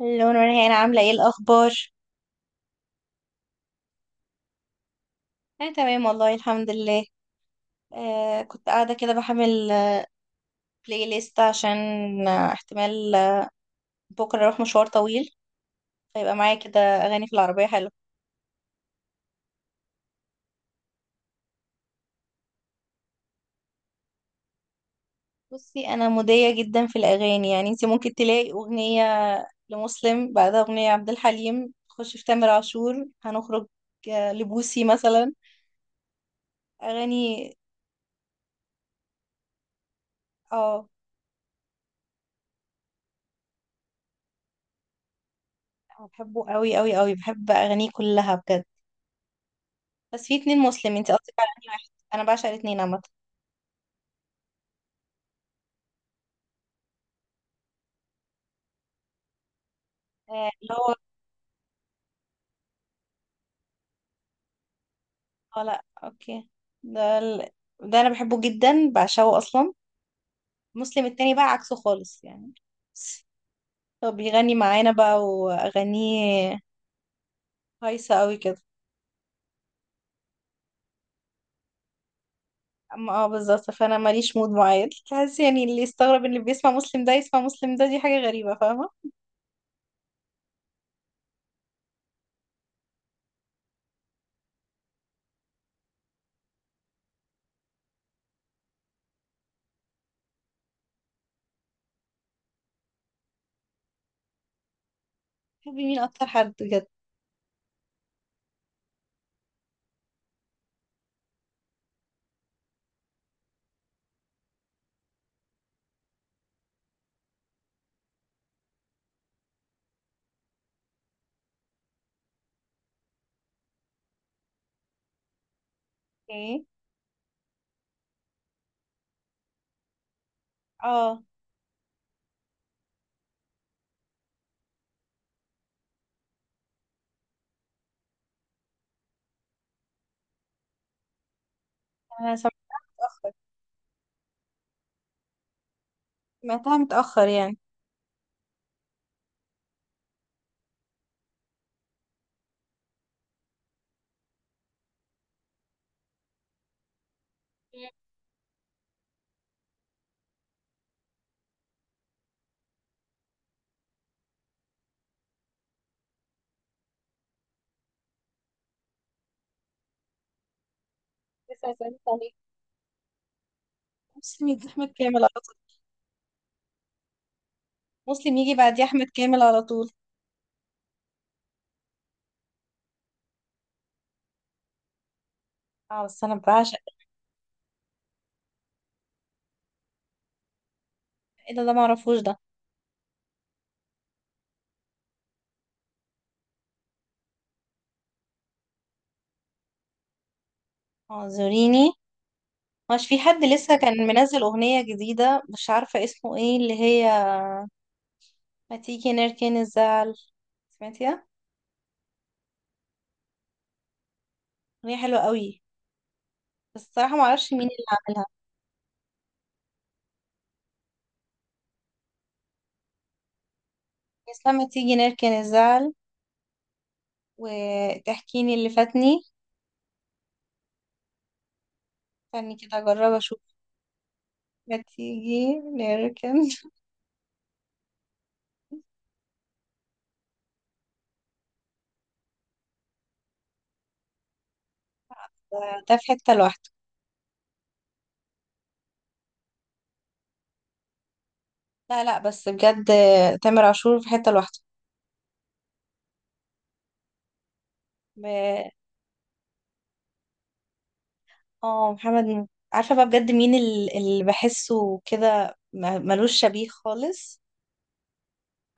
اللون ورهان عاملة ايه الأخبار؟ أنا تمام والله الحمد لله. كنت قاعدة كده بحمل بلاي ليست عشان احتمال. بكرة أروح مشوار طويل، فيبقى معايا كده أغاني في العربية حلوة. بصي، أنا مودية جدا في الأغاني. يعني انتي ممكن تلاقي أغنية لمسلم، بعدها أغنية عبد الحليم، تخش في تامر عاشور، هنخرج لبوسي مثلا أغاني. اه، بحبه قوي قوي قوي، بحب أغانيه كلها بجد. بس في اتنين مسلم، انتي قصدك على أغاني واحد. أنا بعشق الاتنين عامة. اللي هو اه لا اوكي. ده ال... ده انا بحبه جدا، بعشقه اصلا. مسلم التاني بقى عكسه خالص يعني، هو بيغني معانا بقى، واغانيه هايصه قوي كده. اما بالظبط، فانا ماليش مود معين. تحس يعني اللي يستغرب ان اللي بيسمع مسلم ده يسمع مسلم ده، دي حاجه غريبه، فاهمه. بتحبي مين اكتر حد بجد؟ ايه. اه، انا سمعتها متاخر، سمعتها متاخر يعني. مم. لسه هسألك عليه. مسلم يجي احمد كامل على طول. مسلم يجي بعد احمد كامل على طول. اه بس انا بعشق. ايه ده؟ ده معرفوش ده. اعذريني؟ مش في حد لسه كان منزل اغنية جديدة، مش عارفة اسمه ايه اللي هي ما تيجي نركن الزعل؟ سمعتيها؟ اغنية حلوة قوي، بس الصراحة ما اعرفش مين اللي عاملها. بس لما تيجي نركن الزعل وتحكيني اللي فاتني. استني كده اجرب اشوف. ما تيجي نركن ده في حتة لوحده. لا لا، بس بجد، تامر عاشور في حتة لوحده. اه محمد عارفة بقى بجد مين اللي بحسه كده ملوش شبيه خالص.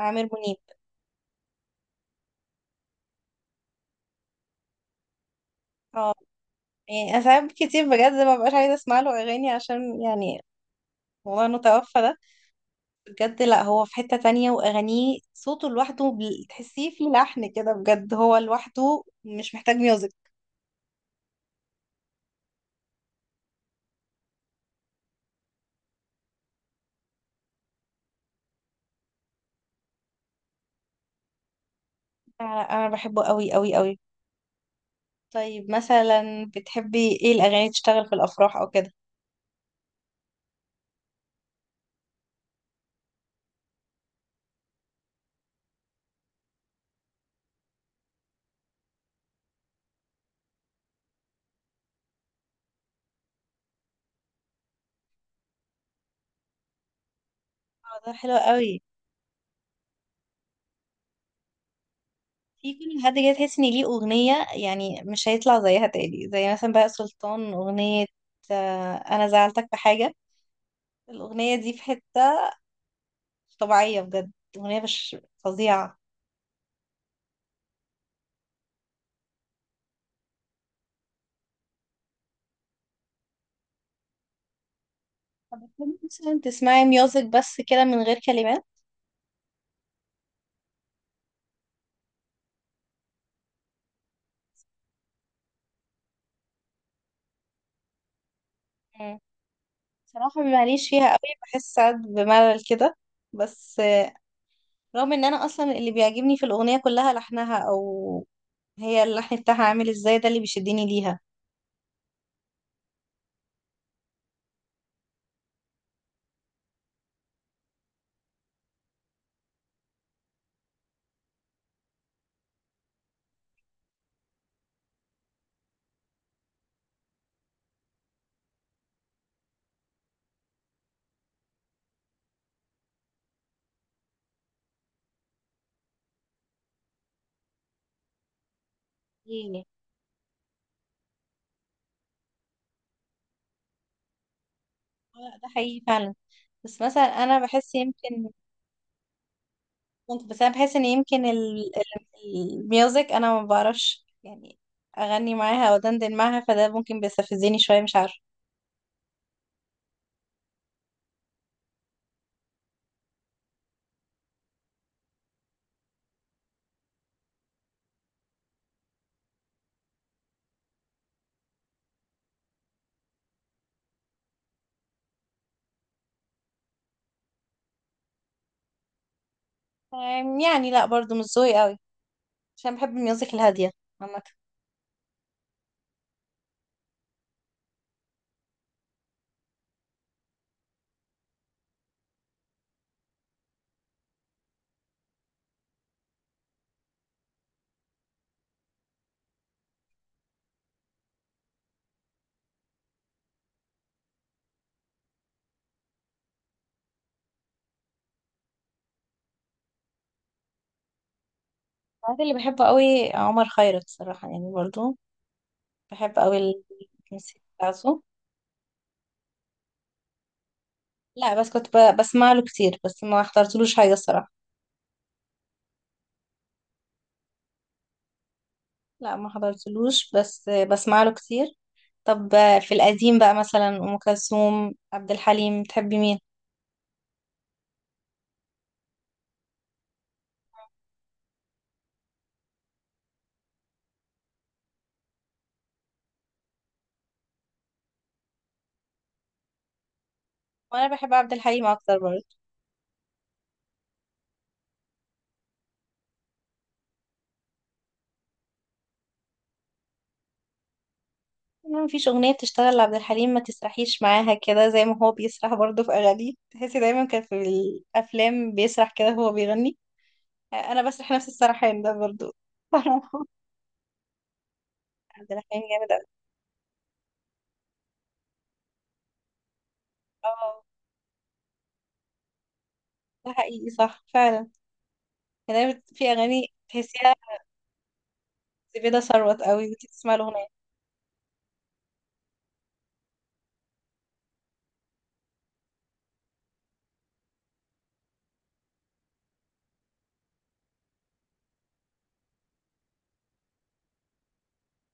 عامر منيب. اه، يعني انا ساعات كتير بجد ما ببقاش عايزة اسمع له اغاني، عشان يعني والله انه توفى ده بجد. لا، هو في حتة تانية، واغانيه صوته لوحده، تحسيه فيه لحن كده بجد، هو لوحده مش محتاج ميوزك. أنا بحبه قوي قوي قوي. طيب مثلا بتحبي ايه الاغاني تشتغل في الافراح او كده؟ اه ده حلو قوي. في كل حد كده، تحس ان ليه اغنية يعني مش هيطلع زيها تاني، زي مثلا بقى سلطان اغنية. انا زعلتك بحاجة، الاغنية دي في حتة مش طبيعية بجد، اغنية مش فظيعة. طب بتحبي مثلا تسمعي ميوزك بس كده من غير كلمات؟ مم. صراحة ماليش فيها قوي، بحس ساعات بملل كده، بس رغم ان انا اصلا اللي بيعجبني في الاغنية كلها لحنها، او هي اللحن بتاعها عامل ازاي، ده اللي بيشدني ليها. ايه. ده حقيقي فعلا. بس مثلا انا بحس يمكن، ممكن، بس انا بحس ان يمكن الميوزك انا ما بعرفش يعني اغني معاها او دندن معاها، فده ممكن بيستفزني شويه، مش عارفه. يعني لا برضو مش ذوقي قوي، عشان بحب الميوزك الهاديه عامه. بعد اللي بحبه قوي عمر خيرت صراحه، يعني برضو بحب قوي الموسيقى بتاعته. لا، بس كنت بسمع له كتير، بس ما حضرتلوش حاجه الصراحه. لا ما حضرتلوش، بس بسمع له كتير. طب في القديم بقى، مثلا ام كلثوم، عبد الحليم، تحبي مين؟ وانا بحب عبد الحليم اكتر برضه. ما فيش اغنيه بتشتغل لعبد الحليم ما تسرحيش معاها كده، زي ما هو بيسرح برضه في اغانيه، تحسي دايما كان في الافلام بيسرح كده وهو بيغني. انا بسرح نفس السرحان ده برضه. عبد الحليم جامد أوي. اه ده حقيقي صح فعلا. يعني أنا في اغاني تحسيها زبيدة ثروت قوي وانتي تسمعي الاغنيه.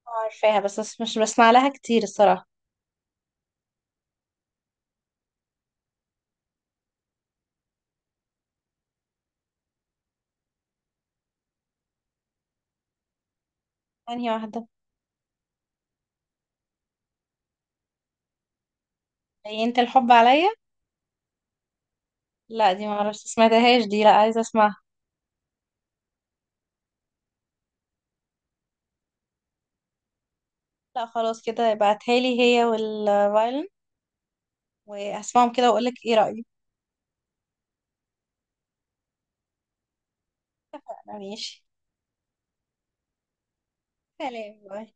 عارفاها، بس مش بسمع لها كتير الصراحه. ثانيه واحده. هي انت الحب عليا؟ لا دي ما اعرفش، سمعتهاش دي، لا عايزه اسمعها. لا خلاص كده، ابعتها لي هي والفايلن، وهسمعهم كده واقول لك ايه رأيي. أنا ماشي. سلام، باي.